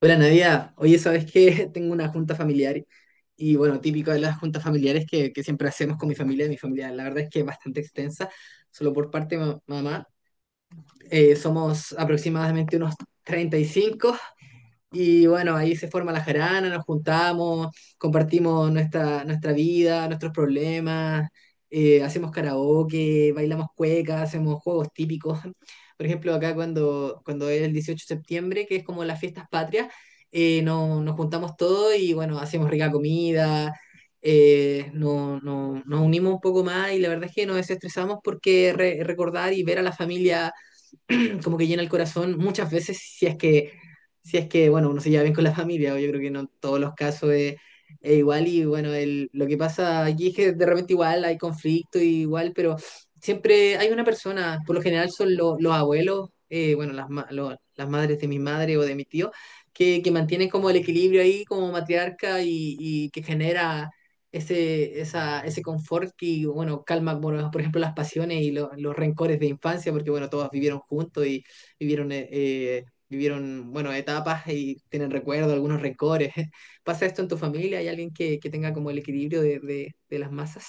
Hola Nadia, oye, ¿sabes qué? Tengo una junta familiar y bueno, típico de las juntas familiares que siempre hacemos con mi familia. Mi familia, la verdad es que es bastante extensa, solo por parte de mamá. Somos aproximadamente unos 35 y bueno, ahí se forma la jarana, nos juntamos, compartimos nuestra vida, nuestros problemas, hacemos karaoke, bailamos cueca, hacemos juegos típicos. Por ejemplo, acá cuando es el 18 de septiembre, que es como las fiestas patrias, nos juntamos todos y bueno, hacemos rica comida, nos unimos un poco más y la verdad es que nos desestresamos porque recordar y ver a la familia como que llena el corazón muchas veces si es que, bueno, uno se lleva bien con la familia, o yo creo que no en todos los casos es igual y bueno, lo que pasa aquí es que de repente igual hay conflicto y igual, pero siempre hay una persona, por lo general son los abuelos, bueno, las, las madres de mi madre o de mi tío, que mantienen como el equilibrio ahí como matriarca y que genera ese confort que, bueno, calma, bueno, por ejemplo, las pasiones y los rencores de infancia, porque, bueno, todos vivieron juntos y vivieron, vivieron, bueno, etapas y tienen recuerdos, algunos rencores. ¿Pasa esto en tu familia? ¿Hay alguien que tenga como el equilibrio de, de las masas?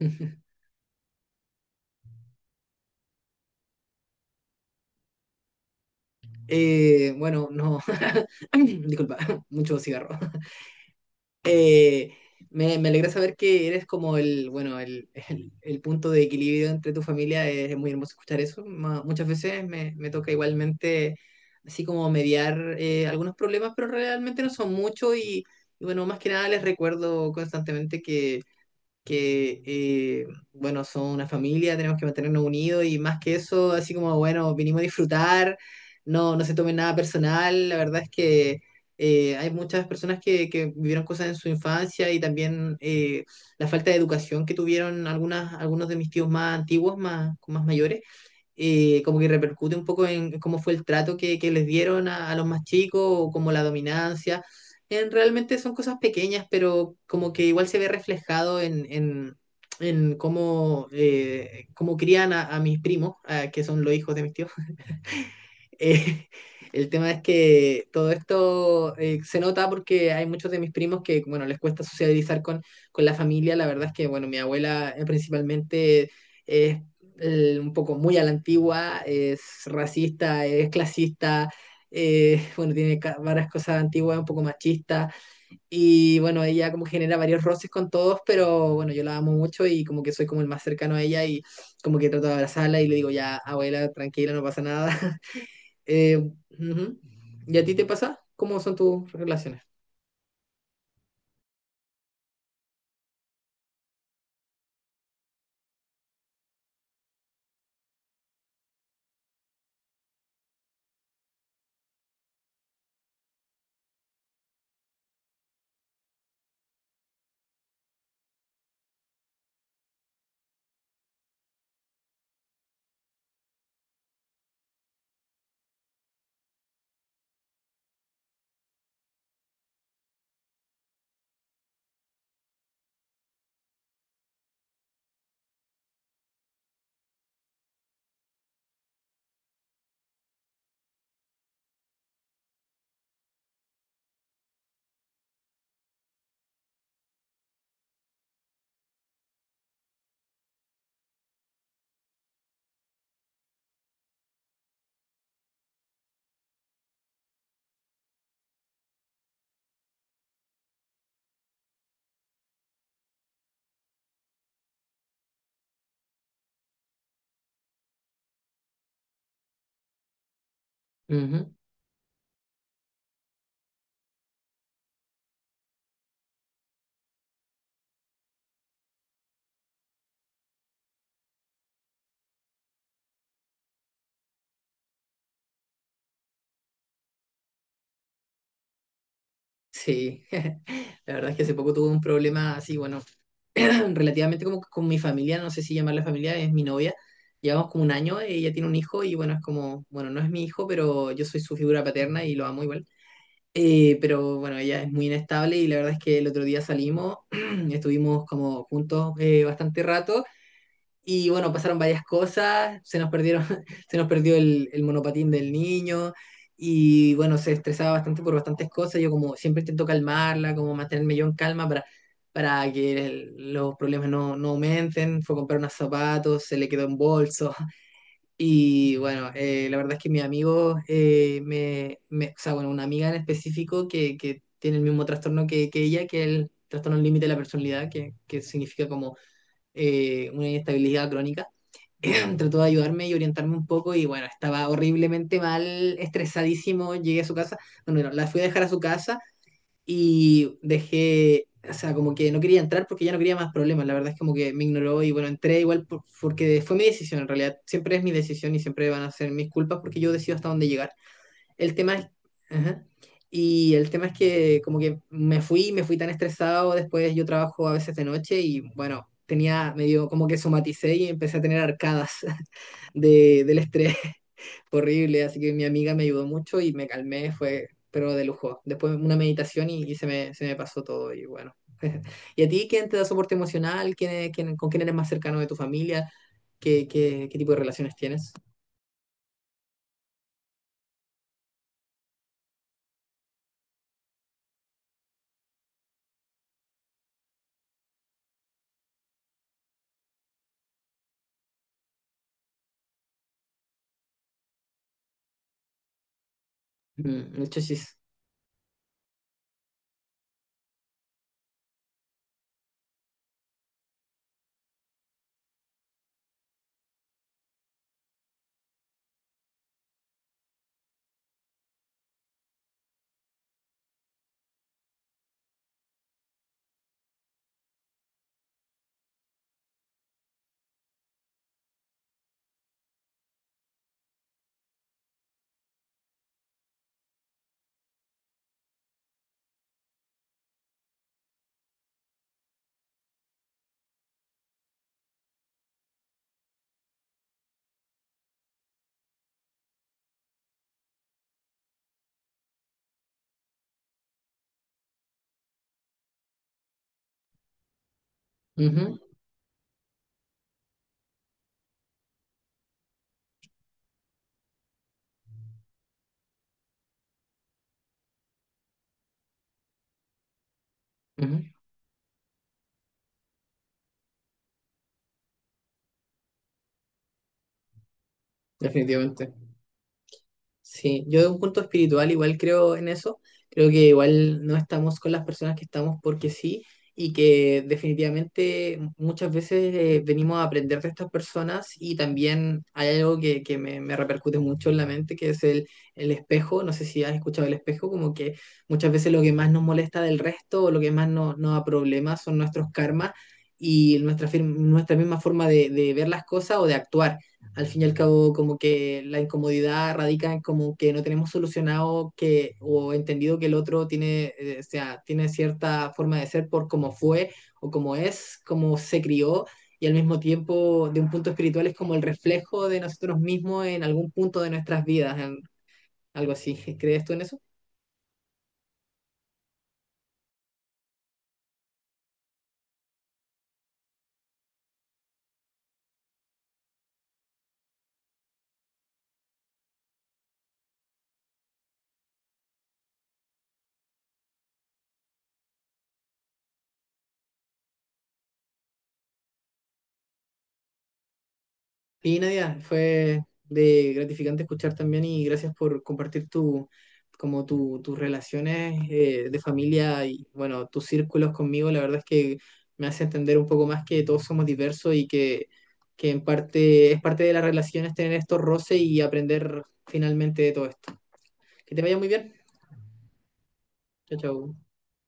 Bueno, no, disculpa, mucho cigarro. Eh, Me alegra saber que eres como el, bueno, el punto de equilibrio entre tu familia. Es muy hermoso escuchar eso. Muchas veces me toca igualmente así como mediar algunos problemas, pero realmente no son muchos y bueno, más que nada les recuerdo constantemente que, bueno, son una familia, tenemos que mantenernos unidos y más que eso, así como, bueno, vinimos a disfrutar, no se tomen nada personal, la verdad es que hay muchas personas que vivieron cosas en su infancia y también la falta de educación que tuvieron algunas, algunos de mis tíos más antiguos, más mayores como que repercute un poco en cómo fue el trato que les dieron a los más chicos, o como la dominancia. Realmente son cosas pequeñas, pero como que igual se ve reflejado en cómo, cómo crían a mis primos, ah, que son los hijos de mis tíos. Eh, el tema es que todo esto se nota porque hay muchos de mis primos que, bueno, les cuesta socializar con la familia. La verdad es que, bueno, mi abuela principalmente es un poco muy a la antigua, es racista, es clasista, bueno, tiene varias cosas antiguas, un poco machista. Y bueno, ella como genera varios roces con todos, pero bueno, yo la amo mucho y como que soy como el más cercano a ella y como que trato de abrazarla y le digo, ya, abuela, tranquila, no pasa nada. Eh, ujú. ¿Y a ti te pasa? ¿Cómo son tus relaciones? Ujú. Sí, la verdad es que hace poco tuve un problema así, bueno, relativamente como que con mi familia, no sé si llamarla familia, es mi novia. Llevamos como un año, ella tiene un hijo y bueno, es como, bueno, no es mi hijo, pero yo soy su figura paterna y lo amo igual. Pero bueno, ella es muy inestable y la verdad es que el otro día salimos, estuvimos como juntos bastante rato. Y bueno, pasaron varias cosas, se nos perdieron, se nos perdió el monopatín del niño y bueno, se estresaba bastante por bastantes cosas. Yo como siempre intento calmarla, como mantenerme yo en calma para que los problemas no aumenten. Fue a comprar unos zapatos, se le quedó en bolso. Y bueno, la verdad es que mi amigo, o sea, bueno, una amiga en específico que tiene el mismo trastorno que ella, que es el trastorno límite de la personalidad, que significa como una inestabilidad crónica trató de ayudarme y orientarme un poco y bueno, estaba horriblemente mal, estresadísimo, llegué a su casa, bueno, no, la fui a dejar a su casa y dejé, o sea, como que no quería entrar porque ya no quería más problemas, la verdad es como que me ignoró y bueno, entré igual porque fue mi decisión en realidad, siempre es mi decisión y siempre van a ser mis culpas porque yo decido hasta dónde llegar. El tema es... ajá. Y el tema es que como que me fui tan estresado, después yo trabajo a veces de noche y bueno, tenía medio como que somaticé y empecé a tener arcadas del estrés horrible, así que mi amiga me ayudó mucho y me calmé, fue, pero de lujo. Después una meditación y se me pasó todo y bueno. ¿Y a ti quién te da soporte emocional? ¿Con quién eres más cercano de tu familia? ¿Qué tipo de relaciones tienes? Mm, muchas chis. Ujú, ujú, definitivamente. Sí, yo de un punto espiritual igual creo en eso. Creo que igual no estamos con las personas que estamos porque sí y que definitivamente muchas veces venimos a aprender de estas personas y también hay algo que me repercute mucho en la mente que es el espejo. No sé si has escuchado el espejo, como que muchas veces lo que más nos molesta del resto o lo que más nos da problemas son nuestros karmas y nuestra, nuestra misma forma de ver las cosas o de actuar al fin y al cabo como que la incomodidad radica en como que no tenemos solucionado que o entendido que el otro tiene, o sea, tiene cierta forma de ser por cómo fue o cómo es, cómo se crió y al mismo tiempo de un punto espiritual es como el reflejo de nosotros mismos en algún punto de nuestras vidas, en algo así. ¿Crees tú en eso? Y Nadia, fue de gratificante escuchar también y gracias por compartir tu, como tus relaciones de familia y bueno, tus círculos conmigo. La verdad es que me hace entender un poco más que todos somos diversos y que en parte es parte de las relaciones tener estos roces y aprender finalmente de todo esto. Que te vaya muy bien. Chao, chao.